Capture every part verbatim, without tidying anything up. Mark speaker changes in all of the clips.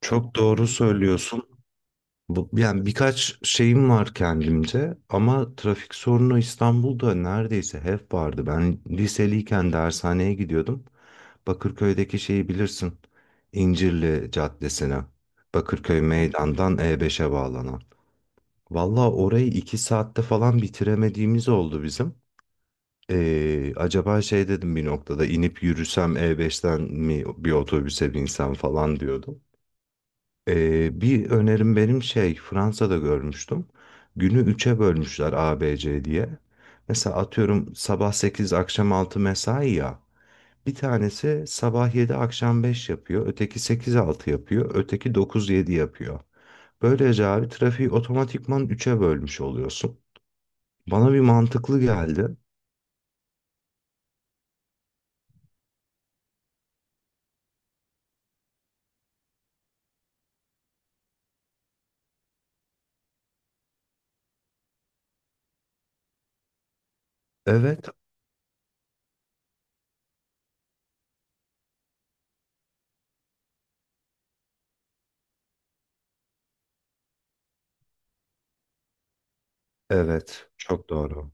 Speaker 1: Çok doğru söylüyorsun. Bu, yani birkaç şeyim var kendimce ama trafik sorunu İstanbul'da neredeyse hep vardı. Ben liseliyken dershaneye gidiyordum. Bakırköy'deki şeyi bilirsin. İncirli Caddesi'ne. Bakırköy Meydan'dan E beş'e bağlanan. Valla orayı iki saatte falan bitiremediğimiz oldu bizim. Ee, acaba şey dedim bir noktada inip yürüsem E beş'ten mi bir otobüse binsem falan diyordum. Ee, bir önerim benim şey Fransa'da görmüştüm. Günü üçe bölmüşler A B C diye. Mesela atıyorum sabah sekiz akşam altı mesai ya. Bir tanesi sabah yedi akşam beş yapıyor. Öteki sekiz altı yapıyor. Öteki dokuz yedi yapıyor. Böylece abi trafiği otomatikman üçe bölmüş oluyorsun. Bana bir mantıklı geldi. Evet, evet. Çok doğru.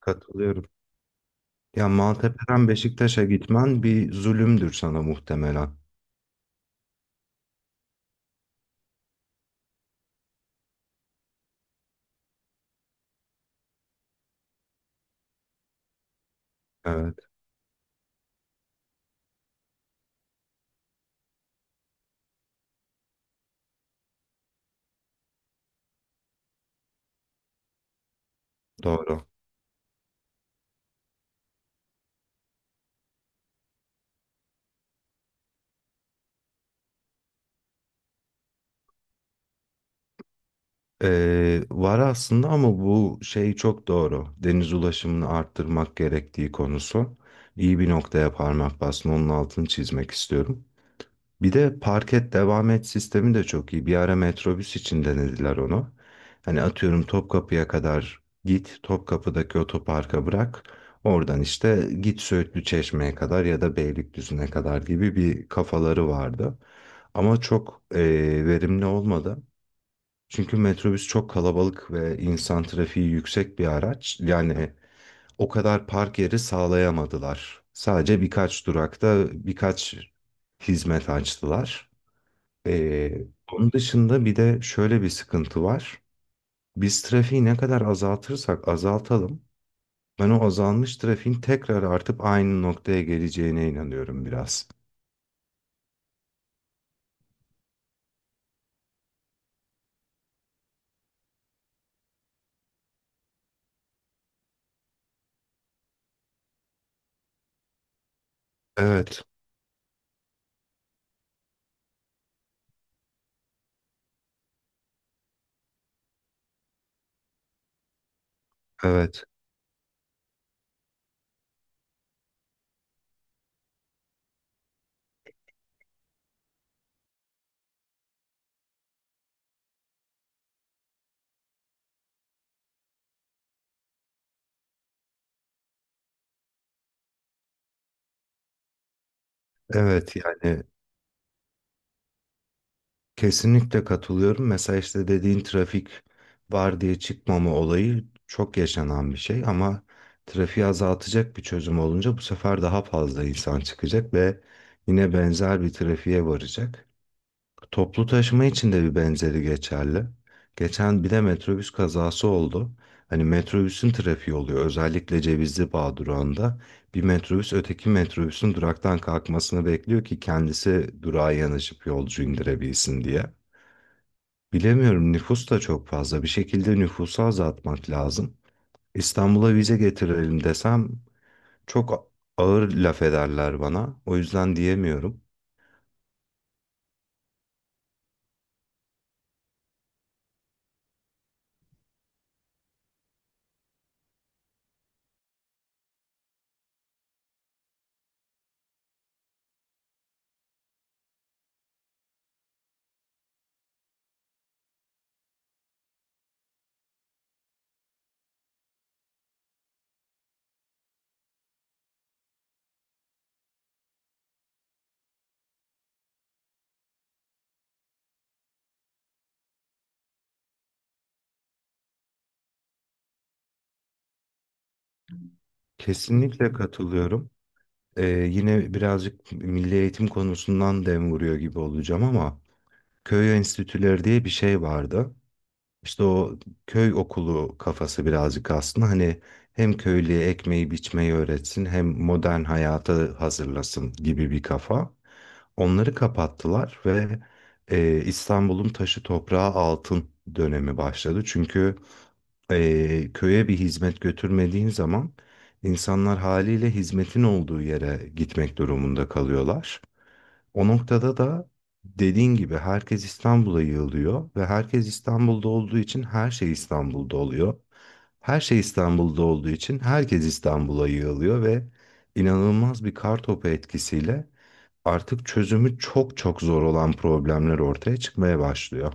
Speaker 1: Katılıyorum. Ya Maltepe'den Beşiktaş'a gitmen bir zulümdür sana muhtemelen. Evet. Doğru. Ee, var aslında ama bu şey çok doğru. Deniz ulaşımını arttırmak gerektiği konusu. İyi bir noktaya parmak bastın. Onun altını çizmek istiyorum. Bir de park et devam et sistemi de çok iyi. Bir ara metrobüs için denediler onu. Hani atıyorum Topkapı'ya kadar git, Topkapı'daki otoparka bırak. Oradan işte git Söğütlü Çeşme'ye kadar ya da Beylikdüzü'ne kadar gibi bir kafaları vardı. Ama çok eee, verimli olmadı. Çünkü metrobüs çok kalabalık ve insan trafiği yüksek bir araç. Yani o kadar park yeri sağlayamadılar. Sadece birkaç durakta birkaç hizmet açtılar. Ee, Onun dışında bir de şöyle bir sıkıntı var. Biz trafiği ne kadar azaltırsak azaltalım, ben o azalmış trafiğin tekrar artıp aynı noktaya geleceğine inanıyorum biraz. Evet, evet, evet. Yani Kesinlikle katılıyorum. Mesela işte dediğin trafik var diye çıkmama olayı çok yaşanan bir şey ama trafiği azaltacak bir çözüm olunca bu sefer daha fazla insan çıkacak ve yine benzer bir trafiğe varacak. Toplu taşıma için de bir benzeri geçerli. Geçen bir de metrobüs kazası oldu. Hani metrobüsün trafiği oluyor. Özellikle Cevizli Bağ durağında bir metrobüs öteki metrobüsün duraktan kalkmasını bekliyor ki kendisi durağa yanaşıp yolcu indirebilsin diye. Bilemiyorum nüfus da çok fazla. Bir şekilde nüfusu azaltmak lazım. İstanbul'a vize getirelim desem çok a- ağır laf ederler bana. O yüzden diyemiyorum. Kesinlikle katılıyorum. Ee, yine birazcık milli eğitim konusundan dem vuruyor gibi olacağım ama köy enstitüleri diye bir şey vardı. İşte o köy okulu kafası birazcık aslında hani hem köylüye ekmeği biçmeyi öğretsin hem modern hayata hazırlasın gibi bir kafa. Onları kapattılar ve e, İstanbul'un taşı toprağı altın dönemi başladı. Çünkü e, köye bir hizmet götürmediğin zaman insanlar haliyle hizmetin olduğu yere gitmek durumunda kalıyorlar. O noktada da dediğin gibi herkes İstanbul'a yığılıyor ve herkes İstanbul'da olduğu için her şey İstanbul'da oluyor. Her şey İstanbul'da olduğu için herkes İstanbul'a yığılıyor ve inanılmaz bir kar topu etkisiyle artık çözümü çok çok zor olan problemler ortaya çıkmaya başlıyor.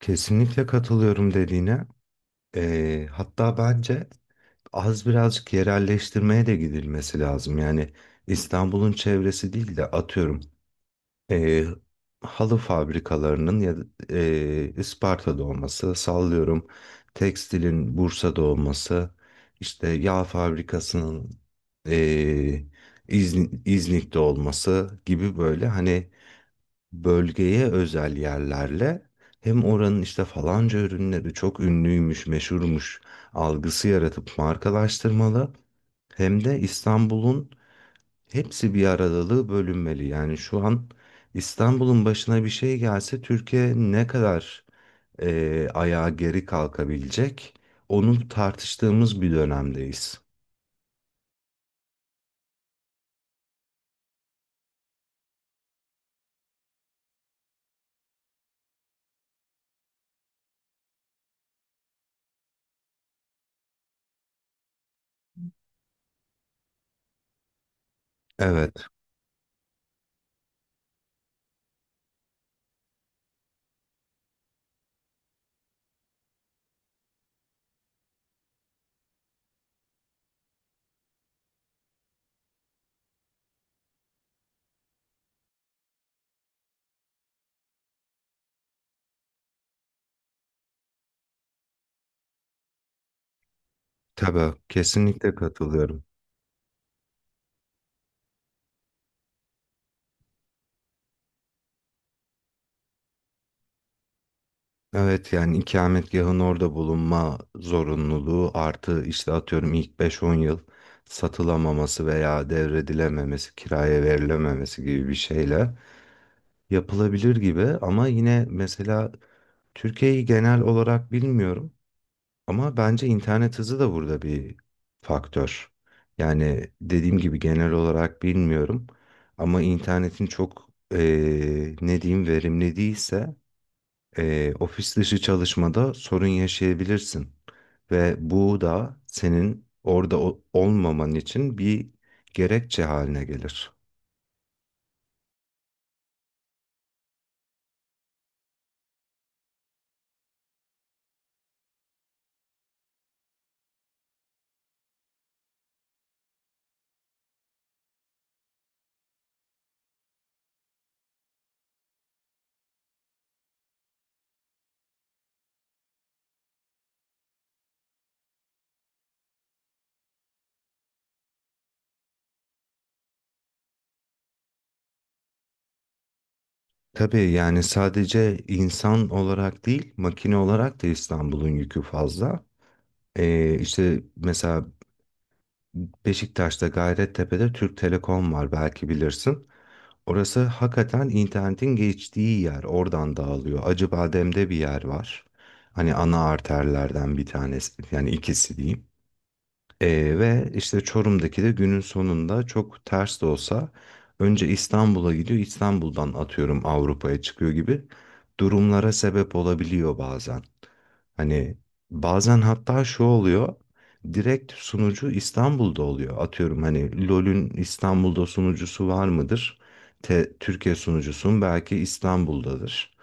Speaker 1: Kesinlikle katılıyorum dediğine. Ee, hatta bence az birazcık yerelleştirmeye de gidilmesi lazım. Yani İstanbul'un çevresi değil de atıyorum e, halı fabrikalarının ya da, e, Isparta'da olması, sallıyorum tekstilin Bursa'da olması, işte yağ fabrikasının e, İzn- İznik'te olması gibi böyle hani bölgeye özel yerlerle hem oranın işte falanca ürünleri çok ünlüymüş, meşhurmuş algısı yaratıp markalaştırmalı hem de İstanbul'un Hepsi bir aradalığı bölünmeli. Yani şu an İstanbul'un başına bir şey gelse Türkiye ne kadar eee, ayağa geri kalkabilecek? Onu tartıştığımız bir dönemdeyiz. Evet, tabii kesinlikle katılıyorum. Evet yani ikametgahın orada bulunma zorunluluğu artı işte atıyorum ilk beş-on yıl satılamaması veya devredilememesi, kiraya verilememesi gibi bir şeyle yapılabilir gibi ama yine mesela Türkiye'yi genel olarak bilmiyorum ama bence internet hızı da burada bir faktör. Yani dediğim gibi genel olarak bilmiyorum ama internetin çok eee, ne diyeyim verimli değilse eee, ofis dışı çalışmada sorun yaşayabilirsin. Ve bu da senin orada o- olmaman için bir gerekçe haline gelir. Tabii yani sadece insan olarak değil, makine olarak da İstanbul'un yükü fazla. Ee, işte mesela Beşiktaş'ta Gayrettepe'de Türk Telekom var belki bilirsin. Orası hakikaten internetin geçtiği yer. Oradan dağılıyor. Acıbadem'de bir yer var. Hani ana arterlerden bir tanesi yani ikisi diyeyim. Ee, ve işte Çorum'daki de günün sonunda çok ters de olsa önce İstanbul'a gidiyor, İstanbul'dan atıyorum Avrupa'ya çıkıyor gibi durumlara sebep olabiliyor bazen. Hani bazen hatta şu oluyor, direkt sunucu İstanbul'da oluyor. Atıyorum hani LoL'ün İstanbul'da sunucusu var mıdır? Te- Türkiye sunucusun belki İstanbul'dadır.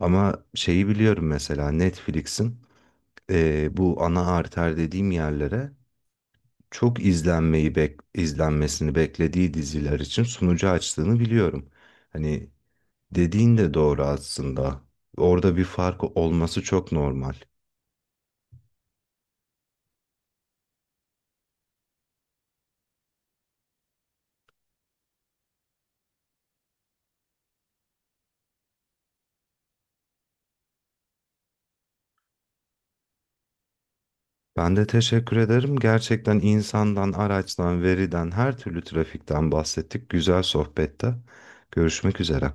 Speaker 1: Ama şeyi biliyorum mesela Netflix'in e, bu ana arter dediğim yerlere çok izlenmeyi bek izlenmesini beklediği diziler için sunucu açtığını biliyorum. Hani dediğin de doğru aslında. Orada bir fark olması çok normal. Ben de teşekkür ederim. Gerçekten insandan, araçtan, veriden, her türlü trafikten bahsettik. Güzel sohbette. Görüşmek üzere.